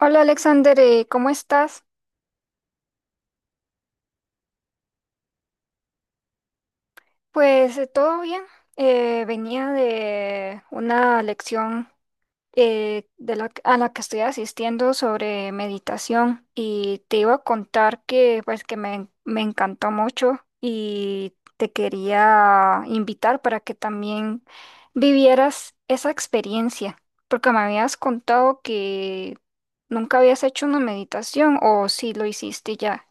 Hola Alexander, ¿cómo estás? Pues todo bien. Venía de una lección a la que estoy asistiendo sobre meditación y te iba a contar que pues que me encantó mucho y te quería invitar para que también vivieras esa experiencia, porque me habías contado que nunca habías hecho una meditación o si lo hiciste ya.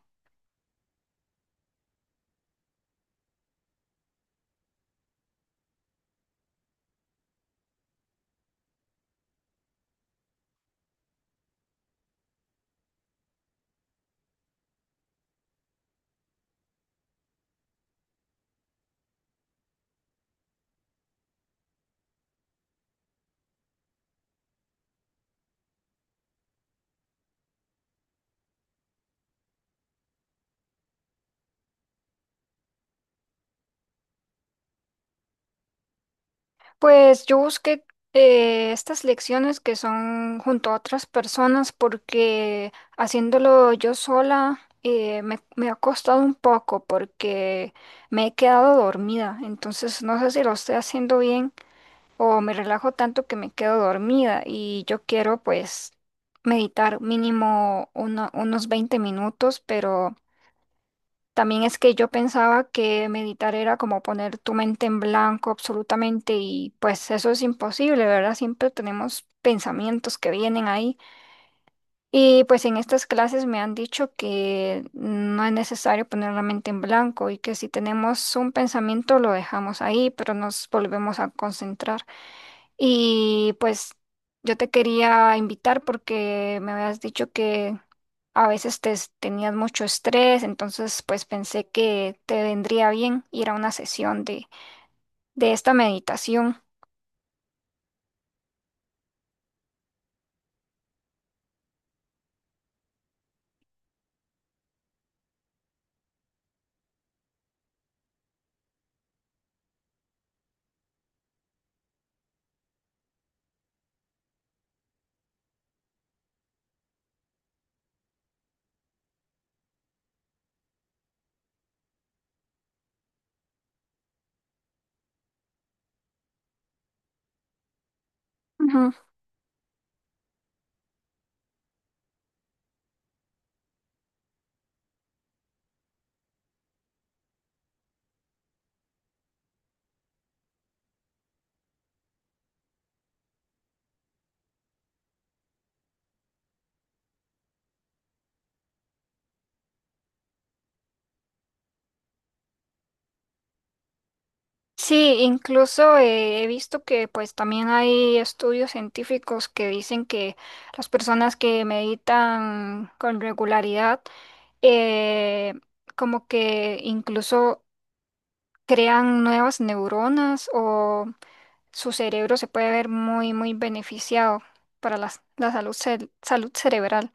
Pues yo busqué estas lecciones que son junto a otras personas porque haciéndolo yo sola, me ha costado un poco porque me he quedado dormida. Entonces no sé si lo estoy haciendo bien o me relajo tanto que me quedo dormida y yo quiero pues meditar mínimo unos 20 minutos, pero también es que yo pensaba que meditar era como poner tu mente en blanco absolutamente y pues eso es imposible, ¿verdad? Siempre tenemos pensamientos que vienen ahí, y pues en estas clases me han dicho que no es necesario poner la mente en blanco y que si tenemos un pensamiento lo dejamos ahí, pero nos volvemos a concentrar. Y pues yo te quería invitar porque me habías dicho que a veces tenías mucho estrés, entonces pues pensé que te vendría bien ir a una sesión de esta meditación. Ujú. Sí, incluso he visto que pues también hay estudios científicos que dicen que las personas que meditan con regularidad, eh, como que incluso crean nuevas neuronas o su cerebro se puede ver muy, muy beneficiado para salud, salud cerebral.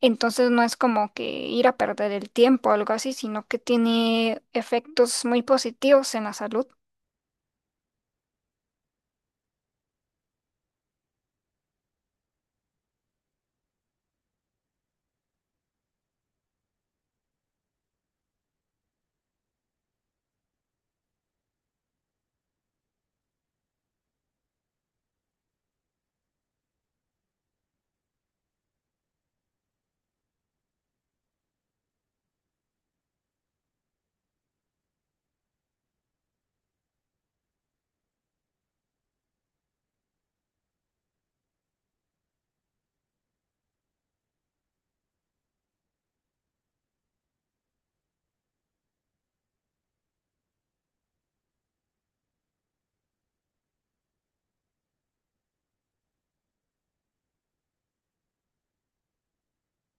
Entonces no es como que ir a perder el tiempo o algo así, sino que tiene efectos muy positivos en la salud.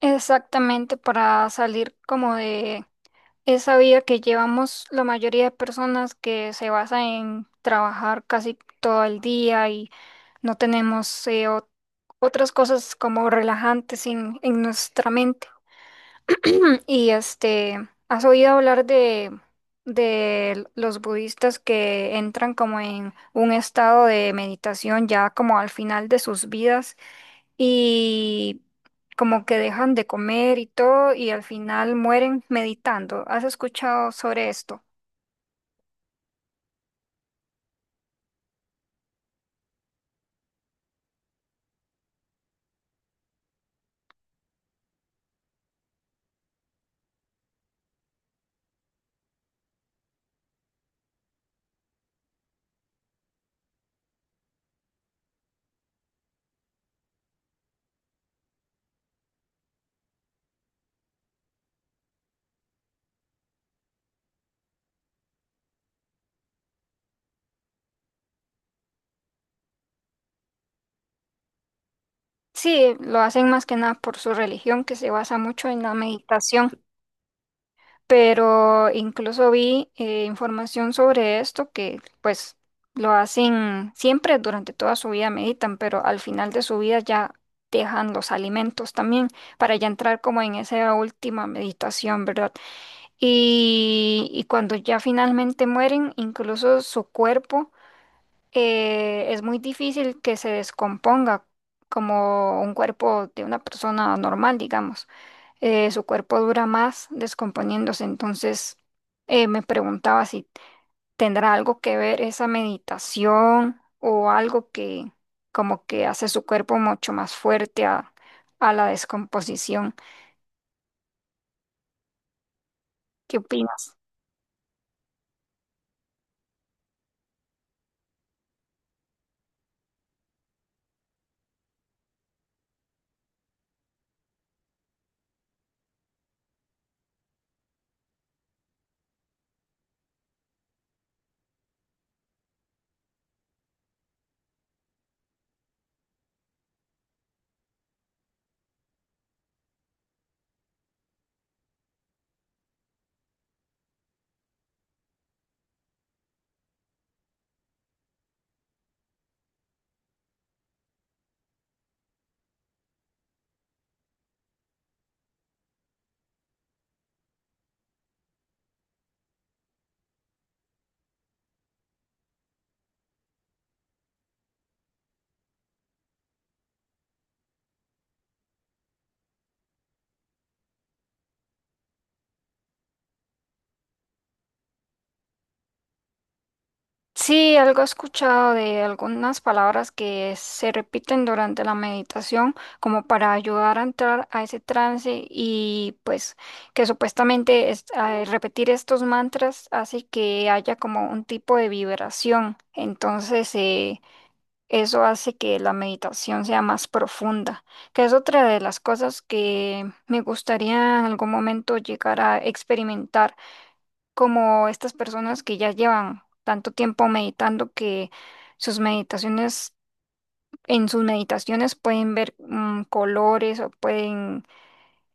Exactamente, para salir como de esa vida que llevamos la mayoría de personas, que se basa en trabajar casi todo el día y no tenemos otras cosas como relajantes en nuestra mente. Y este, ¿has oído hablar de los budistas que entran como en un estado de meditación ya como al final de sus vidas y como que dejan de comer y todo y al final mueren meditando? ¿Has escuchado sobre esto? Sí, lo hacen más que nada por su religión, que se basa mucho en la meditación. Pero incluso vi, información sobre esto, que pues lo hacen siempre durante toda su vida, meditan, pero al final de su vida ya dejan los alimentos también para ya entrar como en esa última meditación, ¿verdad? Y cuando ya finalmente mueren, incluso su cuerpo, es muy difícil que se descomponga como un cuerpo de una persona normal, digamos. Su cuerpo dura más descomponiéndose, entonces me preguntaba si tendrá algo que ver esa meditación, o algo que como que hace su cuerpo mucho más fuerte a la descomposición. ¿Qué opinas? Sí, algo he escuchado de algunas palabras que se repiten durante la meditación como para ayudar a entrar a ese trance, y pues que supuestamente al repetir estos mantras hace que haya como un tipo de vibración. Entonces, eso hace que la meditación sea más profunda, que es otra de las cosas que me gustaría en algún momento llegar a experimentar, como estas personas que ya llevan tanto tiempo meditando que sus meditaciones, en sus meditaciones pueden ver, mm, colores, o pueden,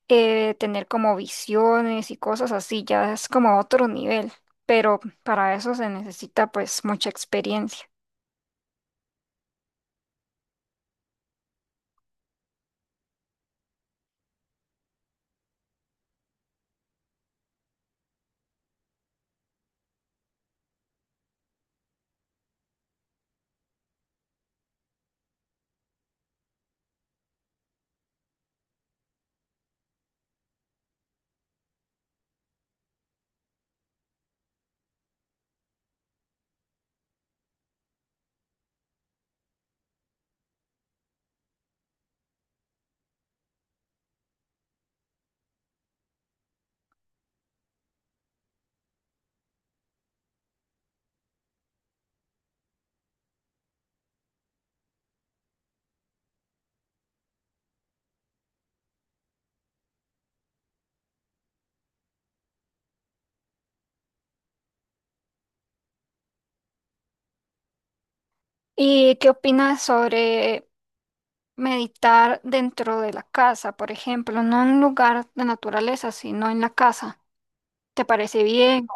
tener como visiones y cosas así. Ya es como otro nivel, pero para eso se necesita pues mucha experiencia. ¿Y qué opinas sobre meditar dentro de la casa, por ejemplo, no en un lugar de naturaleza, sino en la casa? ¿Te parece bien?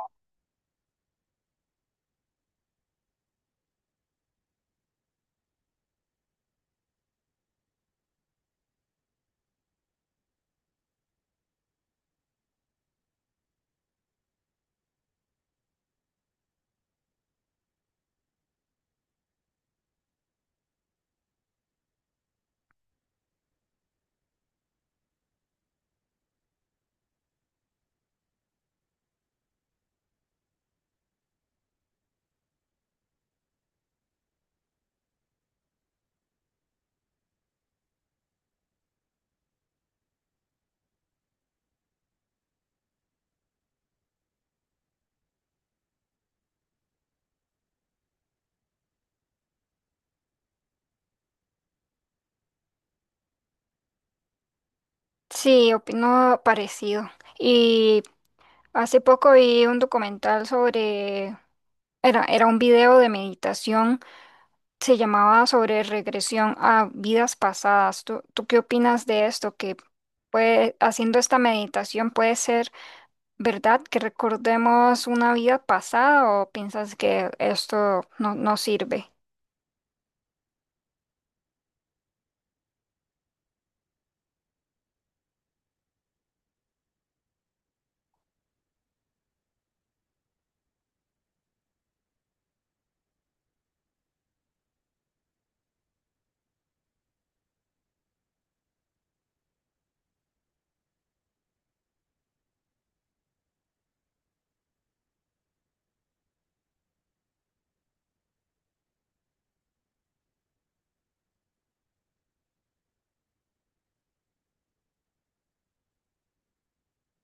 Sí, opino parecido. Y hace poco vi un documental sobre, era, era un video de meditación, se llamaba sobre regresión a vidas pasadas. ¿Tú, tú qué opinas de esto? Que puede, haciendo esta meditación, ¿puede ser verdad que recordemos una vida pasada, o piensas que esto no, no sirve?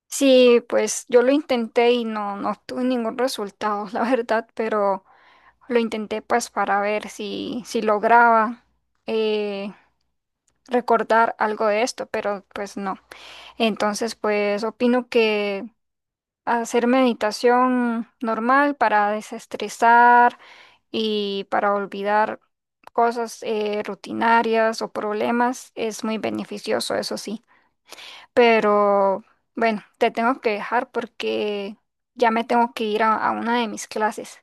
Sí, pues yo lo intenté y no, no obtuve ningún resultado, la verdad, pero lo intenté pues para ver si, si lograba, eh, recordar algo de esto, pero pues no. Entonces pues opino que hacer meditación normal para desestresar y para olvidar cosas, rutinarias, o problemas, es muy beneficioso, eso sí. Pero bueno, te tengo que dejar porque ya me tengo que ir a una de mis clases.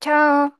Chao.